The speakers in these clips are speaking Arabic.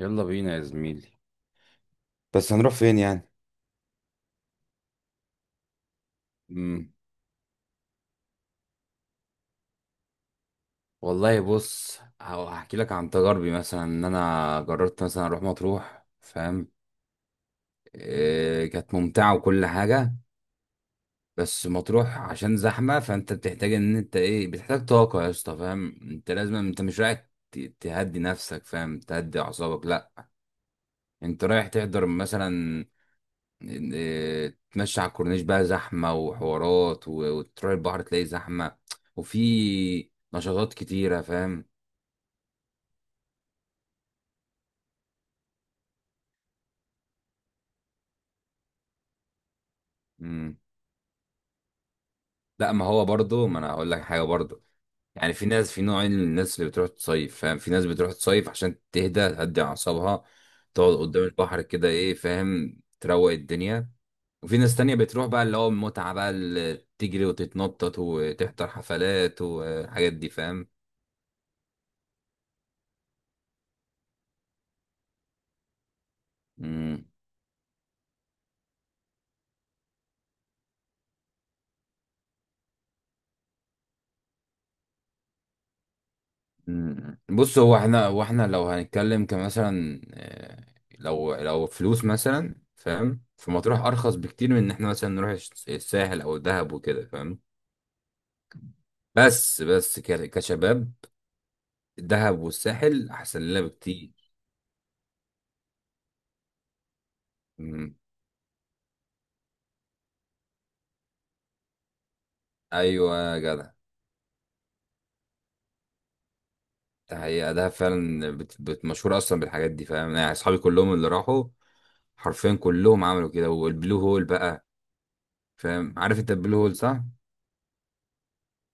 يلا بينا يا زميلي. بس هنروح فين يعني؟ مم. والله بص، هحكي لك عن تجاربي، مثلا ان انا جربت مثلا اروح مطروح، فاهم؟ إيه كانت ممتعه وكل حاجه. بس مطروح عشان زحمه، فانت بتحتاج ان انت ايه بتحتاج طاقه يا اسطى، فاهم؟ انت لازم، انت مش رايح تهدي نفسك، فاهم، تهدي اعصابك، لا. انت رايح تحضر مثلا، تمشي على الكورنيش، بقى زحمة وحوارات، و- وتروح البحر تلاقي زحمة، وفي نشاطات كتيرة، فاهم؟ مم. لا، ما هو برضه، ما انا هقول لك حاجة برضه. يعني في ناس، في نوعين من الناس اللي بتروح تصيف، فاهم. في ناس بتروح تصيف عشان تهدي أعصابها، تقعد قدام البحر كده ايه، فاهم، تروق الدنيا. وفي ناس تانية بتروح بقى اللي هو المتعة، بقى اللي تجري وتتنطط وتحضر حفلات والحاجات دي، فاهم؟ مم. مم. بص، هو احنا لو هنتكلم كمثلا، لو فلوس مثلا، فاهم، في مطروح ارخص بكتير من ان احنا مثلا نروح الساحل او الدهب وكده، فاهم. بس كشباب الدهب والساحل احسن لنا بكتير. مم. ايوه يا جدع، ده حقيقة دهب فعلا مشهورة اصلا بالحاجات دي، فاهم، يعني اصحابي كلهم اللي راحوا حرفيا كلهم عملوا كده، والبلو هول بقى، فاهم؟ عارف انت البلو هول، صح؟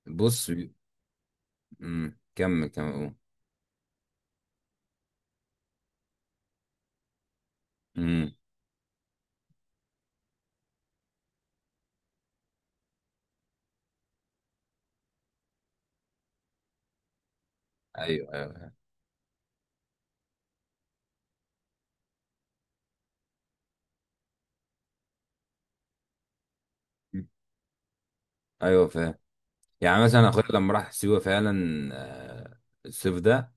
بص. مم. كمل كمل قول. مم. ايوه ايوه. مم. ايوه، فاهم. يعني مثلا اخويا لما راح سيوه فعلا، آه، الصيف ده،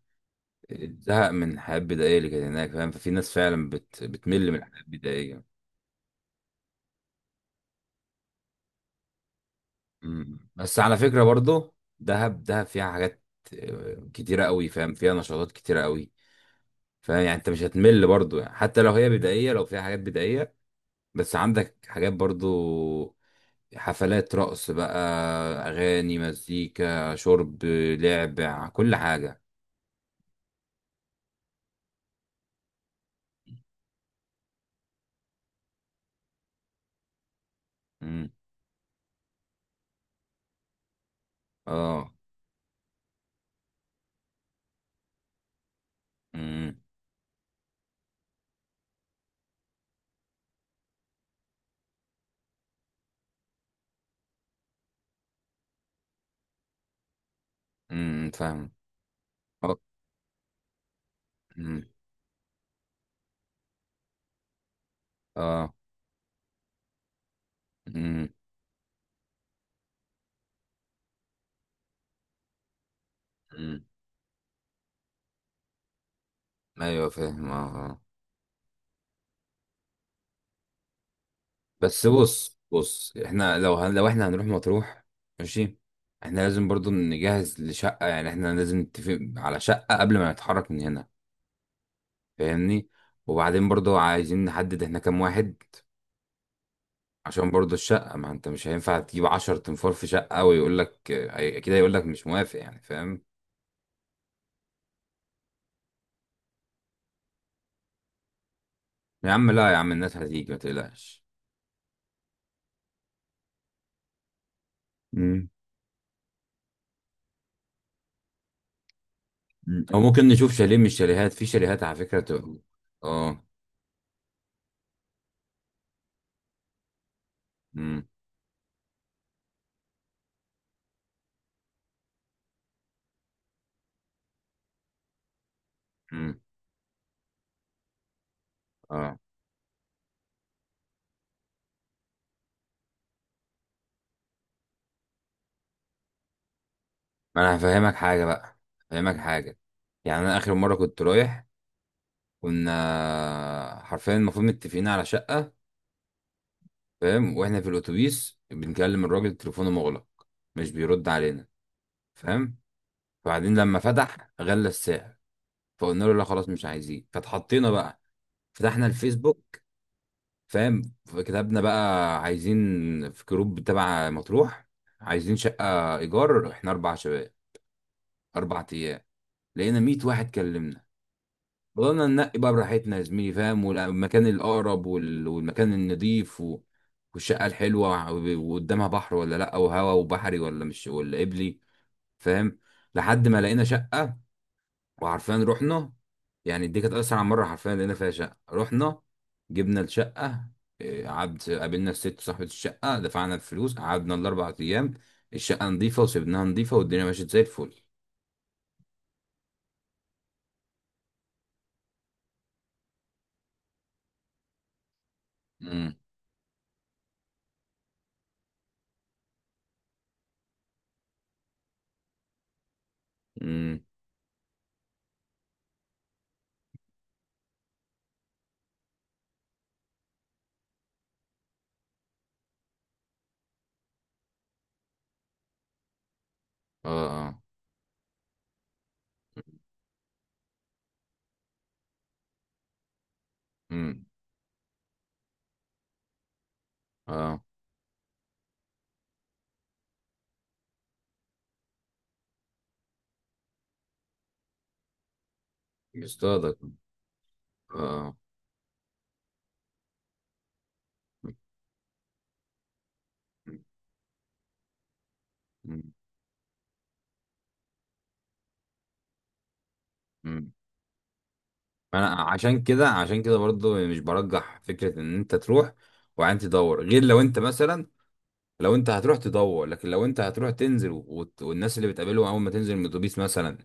زهق من الحياه البدائيه اللي كانت هناك، فاهم، ففي ناس فعلا بتمل من الحياه البدائيه. مم. بس على فكره برضو، دهب دهب فيها حاجات كتيره قوي، فاهم، فيها نشاطات كتيره قوي، فاهم، يعني انت مش هتمل برضو، يعني حتى لو هي بدائيه، لو فيها حاجات بدائيه، بس عندك حاجات برضو، حفلات رقص بقى، اغاني، مزيكا، شرب، لعب، كل حاجه. اه. امم. امم. فاهم. اه. امم. اه. امم. امم. ايوه، فاهم. اه. آه. بس بص بص، احنا لو لو احنا هنروح مطروح، ماشي، احنا لازم برضو نجهز لشقة، يعني احنا لازم نتفق على شقة قبل ما نتحرك من هنا، فاهمني؟ وبعدين برضو عايزين نحدد احنا كام واحد، عشان برضو الشقة، ما انت مش هينفع تجيب 10 تنفار في شقة، ويقول لك، اكيد هيقول لك مش موافق يعني، فاهم؟ يا عم لا، يا عم الناس هتيجي، ما تقلقش. مم. او ممكن نشوف شاليه من الشاليهات، في شاليهات على فكره تبقى. اه. امم. امم. اه. ما انا هفهمك حاجه بقى، هفهمك حاجه. يعني انا اخر مره كنت رايح، كنا حرفيا المفروض متفقين على شقه، فاهم، واحنا في الاتوبيس بنكلم الراجل، تليفونه مغلق، مش بيرد علينا، فاهم. وبعدين لما فتح، غلى السعر، فقلنا له لا خلاص مش عايزين، فتحطينا بقى، فتحنا الفيسبوك، فاهم، فكتبنا بقى عايزين، في جروب تبع مطروح، عايزين شقة إيجار، إحنا 4 شباب 4 أيام، لقينا 100 واحد كلمنا، فضلنا ننقي بقى براحتنا يا زميلي، فاهم، والمكان الأقرب وال- والمكان النضيف، و... والشقة الحلوة و- وقدامها بحر ولا لأ، وهوا وبحري ولا مش، ولا قبلي، فاهم، لحد ما لقينا شقة، وعارفين رحنا. يعني دي كانت أسرع مرة حرفيا لقينا فيها شقة، رحنا جبنا الشقة، قعد قابلنا الست صاحبة الشقة، دفعنا الفلوس، قعدنا الـ 4 أيام، الشقة نظيفة وسيبناها نظيفة، والدنيا مشيت زي الفل. امم. امم. اه. اه. امم. اه. بيصطادك. اه. امم. امم. انا عشان كده، عشان كده برضو، مش برجح فكرة ان انت تروح وبعدين تدور، غير لو انت مثلا، لو انت هتروح تدور، لكن لو انت هتروح تنزل وت- والناس اللي بتقابلهم اول ما تنزل من الاتوبيس مثلا،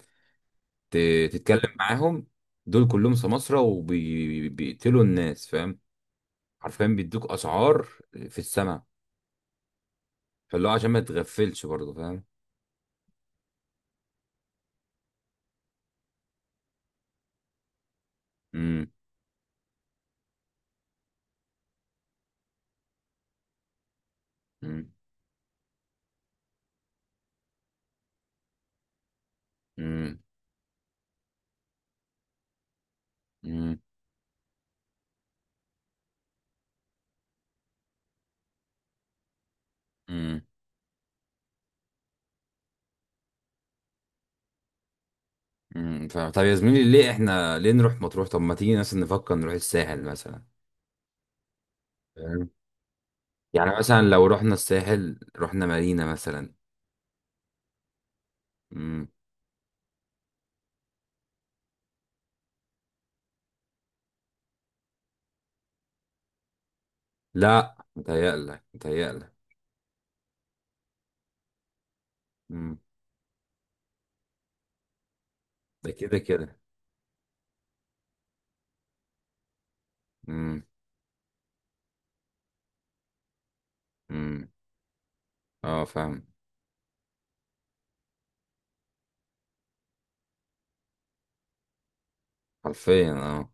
تتكلم معاهم، دول كلهم سماسرة وبيقتلوا الناس، فاهم، حرفيا بيدوك اسعار في السماء، فاللي هو عشان ما تغفلش برضه، فاهم. امم. امم. امم. امم. امم. امم. فاهم، طب يا زميلي ليه احنا، ليه نروح مطروح؟ طب ما تيجي مثلا نفكر نروح الساحل مثلا، فاهم، يعني مثلا لو رحنا الساحل، رحنا مارينا مثلا. امم. لا متهيألك، متهيألك. مم. ده كده كده. مم. مم. اه فاهم. حرفيا اه.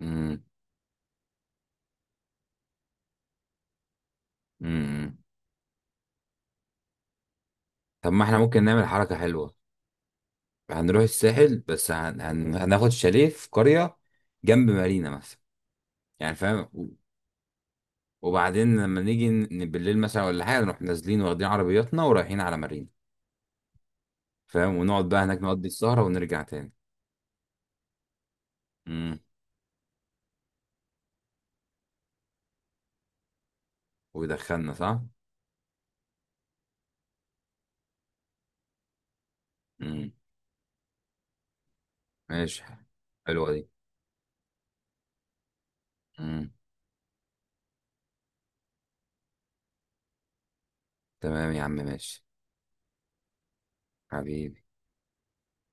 مم. مم. طب ما احنا ممكن نعمل حركة حلوة، هنروح الساحل، بس هناخد شاليه في قرية جنب مارينا مثلا، يعني فاهم، و- وبعدين لما نيجي بالليل مثلا ولا حاجة، نروح نازلين واخدين عربياتنا ورايحين على مارينا، فاهم، ونقعد بقى هناك نقضي السهرة ونرجع تاني. مم. ويدخلنا، صح؟ مم. ماشي. حلوة دي. مم. تمام يا عم، ماشي. حبيبي.